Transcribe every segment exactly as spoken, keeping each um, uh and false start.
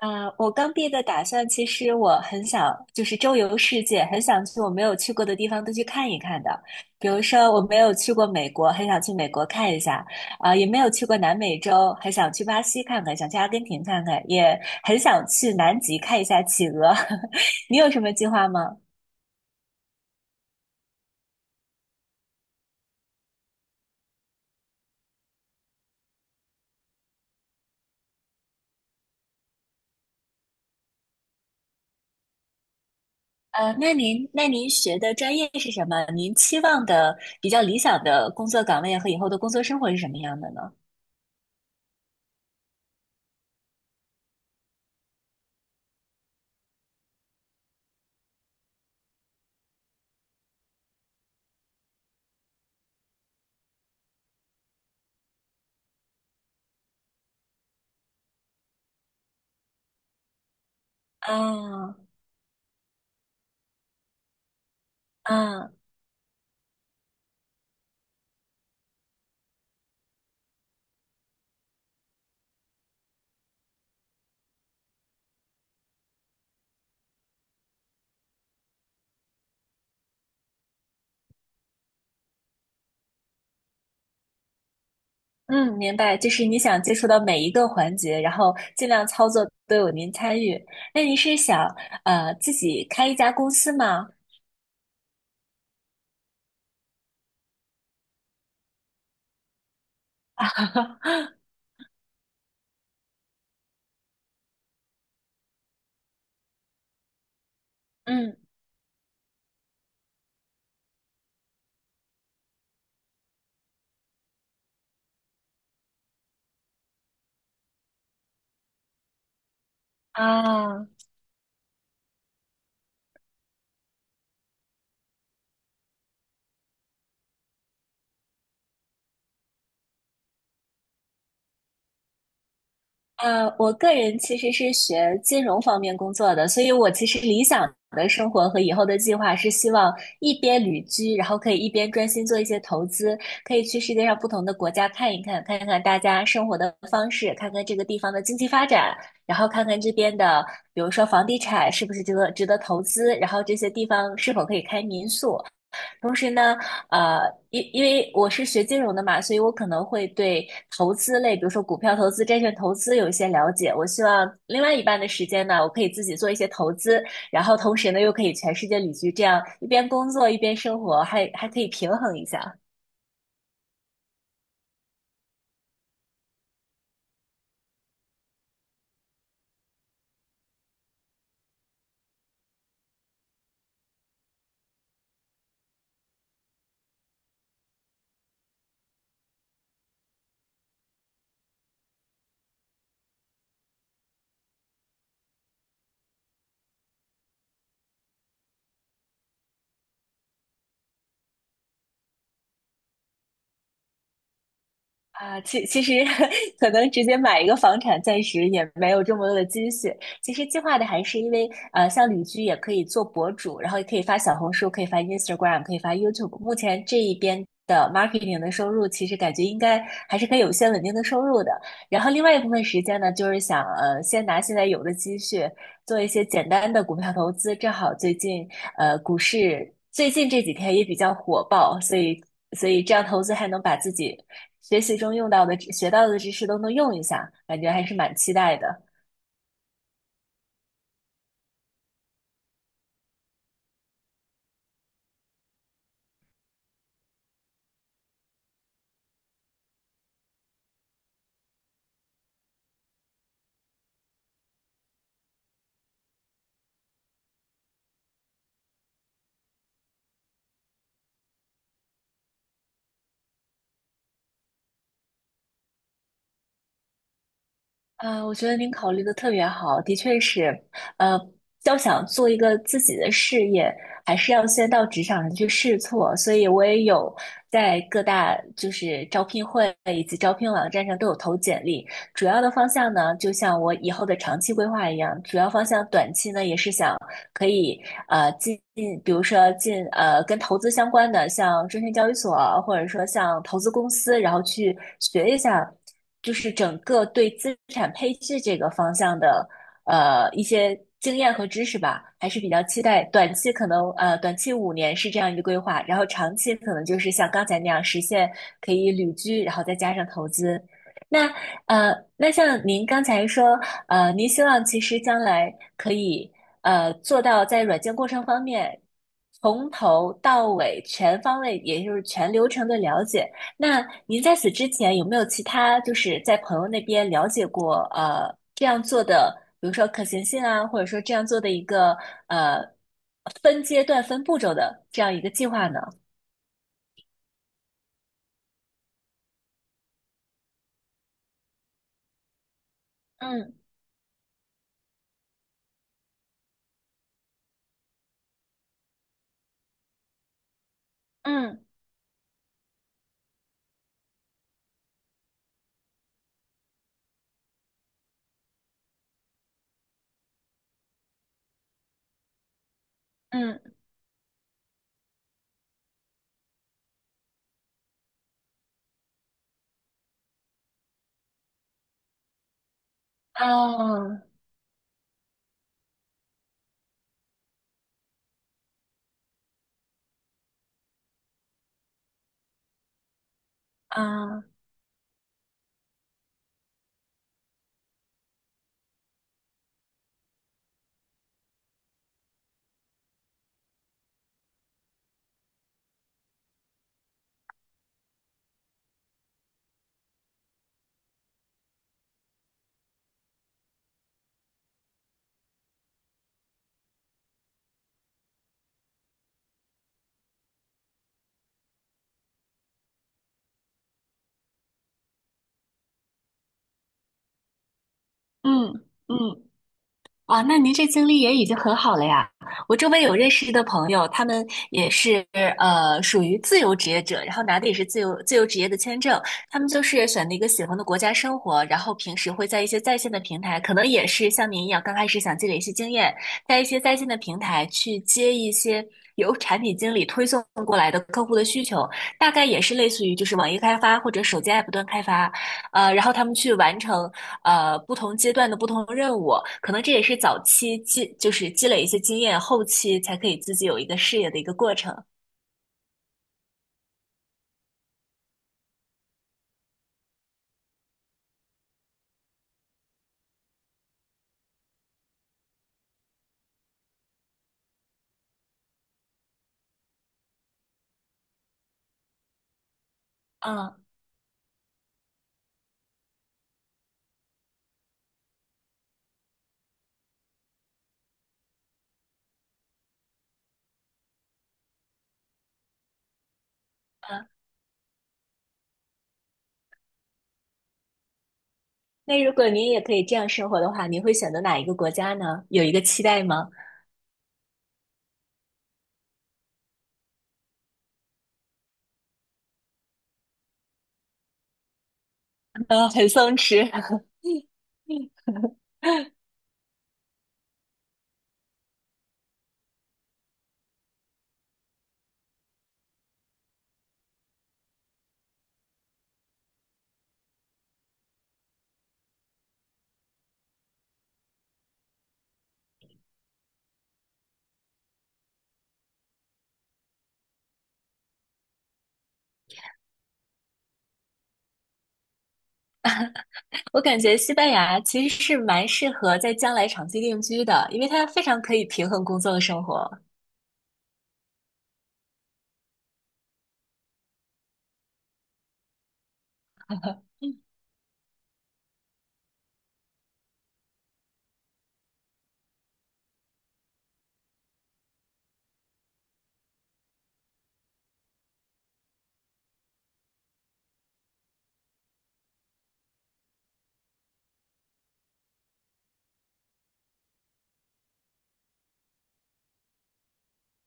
啊，我刚毕业的打算，其实我很想就是周游世界，很想去我没有去过的地方都去看一看的。比如说，我没有去过美国，很想去美国看一下；啊、也没有去过南美洲，很想去巴西看看，想去阿根廷看看，也很想去南极看一下企鹅。你有什么计划吗？呃，那您那您学的专业是什么？您期望的比较理想的工作岗位和以后的工作生活是什么样的呢？啊啊。嗯，明白，就是你想接触到每一个环节，然后尽量操作都有您参与。那您是想呃自己开一家公司吗？嗯啊。呃，我个人其实是学金融方面工作的，所以我其实理想的生活和以后的计划是希望一边旅居，然后可以一边专心做一些投资，可以去世界上不同的国家看一看，看看大家生活的方式，看看这个地方的经济发展，然后看看这边的，比如说房地产是不是值得值得投资，然后这些地方是否可以开民宿。同时呢，呃，因因为我是学金融的嘛，所以我可能会对投资类，比如说股票投资、债券投资有一些了解。我希望另外一半的时间呢，我可以自己做一些投资，然后同时呢，又可以全世界旅居，这样一边工作一边生活，还还可以平衡一下。啊，其其实 可能直接买一个房产，暂时也没有这么多的积蓄。其实计划的还是因为，呃，像旅居也可以做博主，然后也可以发小红书，可以发 Instagram，可以发 YouTube。目前这一边的 marketing 的收入，其实感觉应该还是可以有一些稳定的收入的。然后另外一部分时间呢，就是想，呃，先拿现在有的积蓄做一些简单的股票投资。正好最近，呃，股市最近这几天也比较火爆，所以所以这样投资还能把自己学习中用到的知学到的知识都能用一下，感觉还是蛮期待的。啊，我觉得您考虑的特别好，的确是，呃，要想做一个自己的事业，还是要先到职场上去试错。所以我也有在各大就是招聘会以及招聘网站上都有投简历。主要的方向呢，就像我以后的长期规划一样，主要方向短期呢也是想可以呃进，比如说进呃跟投资相关的，像证券交易所，或者说像投资公司，然后去学一下，就是整个对资产配置这个方向的呃一些经验和知识吧，还是比较期待短期可能呃短期五年是这样一个规划，然后长期可能就是像刚才那样实现可以旅居，然后再加上投资。那呃，那像您刚才说，呃，您希望其实将来可以呃做到在软件过程方面，从头到尾全方位，也就是全流程的了解。那您在此之前有没有其他就是在朋友那边了解过呃这样做的，比如说可行性啊，或者说这样做的一个呃分阶段、分步骤的这样一个计划呢？嗯嗯嗯啊啊，嗯嗯啊，那您这经历也已经很好了呀。我周围有认识的朋友，他们也是呃属于自由职业者，然后拿的也是自由自由职业的签证。他们就是选了一个喜欢的国家生活，然后平时会在一些在线的平台，可能也是像您一样，刚开始想积累一些经验，在一些在线的平台去接一些由产品经理推送过来的客户的需求，大概也是类似于就是网页开发或者手机 app 端开发，呃，然后他们去完成。呃不同阶段的不同任务，可能这也是早期积就是积累一些经验，后期才可以自己有一个事业的一个过程。嗯嗯，那如果您也可以这样生活的话，您会选择哪一个国家呢？有一个期待吗？呃，很松弛。我感觉西班牙其实是蛮适合在将来长期定居的，因为它非常可以平衡工作和生活。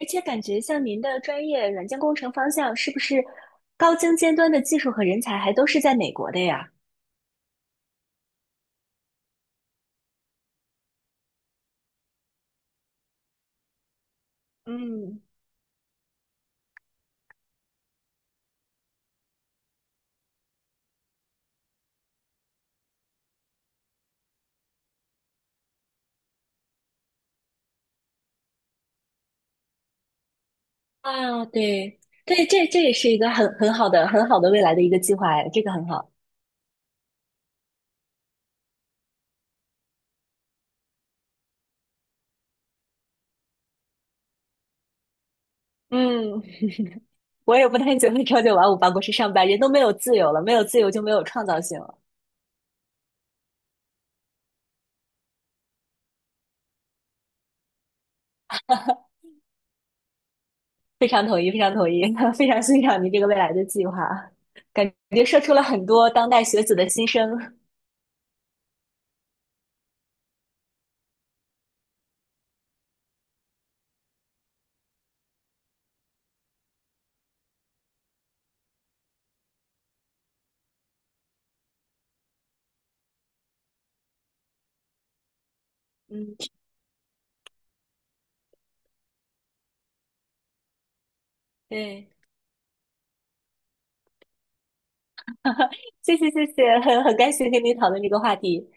而且感觉像您的专业软件工程方向，是不是高精尖端的技术和人才还都是在美国的呀？嗯，啊，对对，这这也是一个很很好的、很好的未来的一个计划哎，这个很好。嗯，我也不太喜欢朝九晚五办公室上班，人都没有自由了，没有自由就没有创造性了。非常同意，非常同意，非常欣赏您这个未来的计划，感觉说出了很多当代学子的心声。嗯，对，谢谢谢谢，很很感谢跟您讨论这个话题。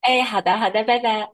哎，好的好的，拜拜。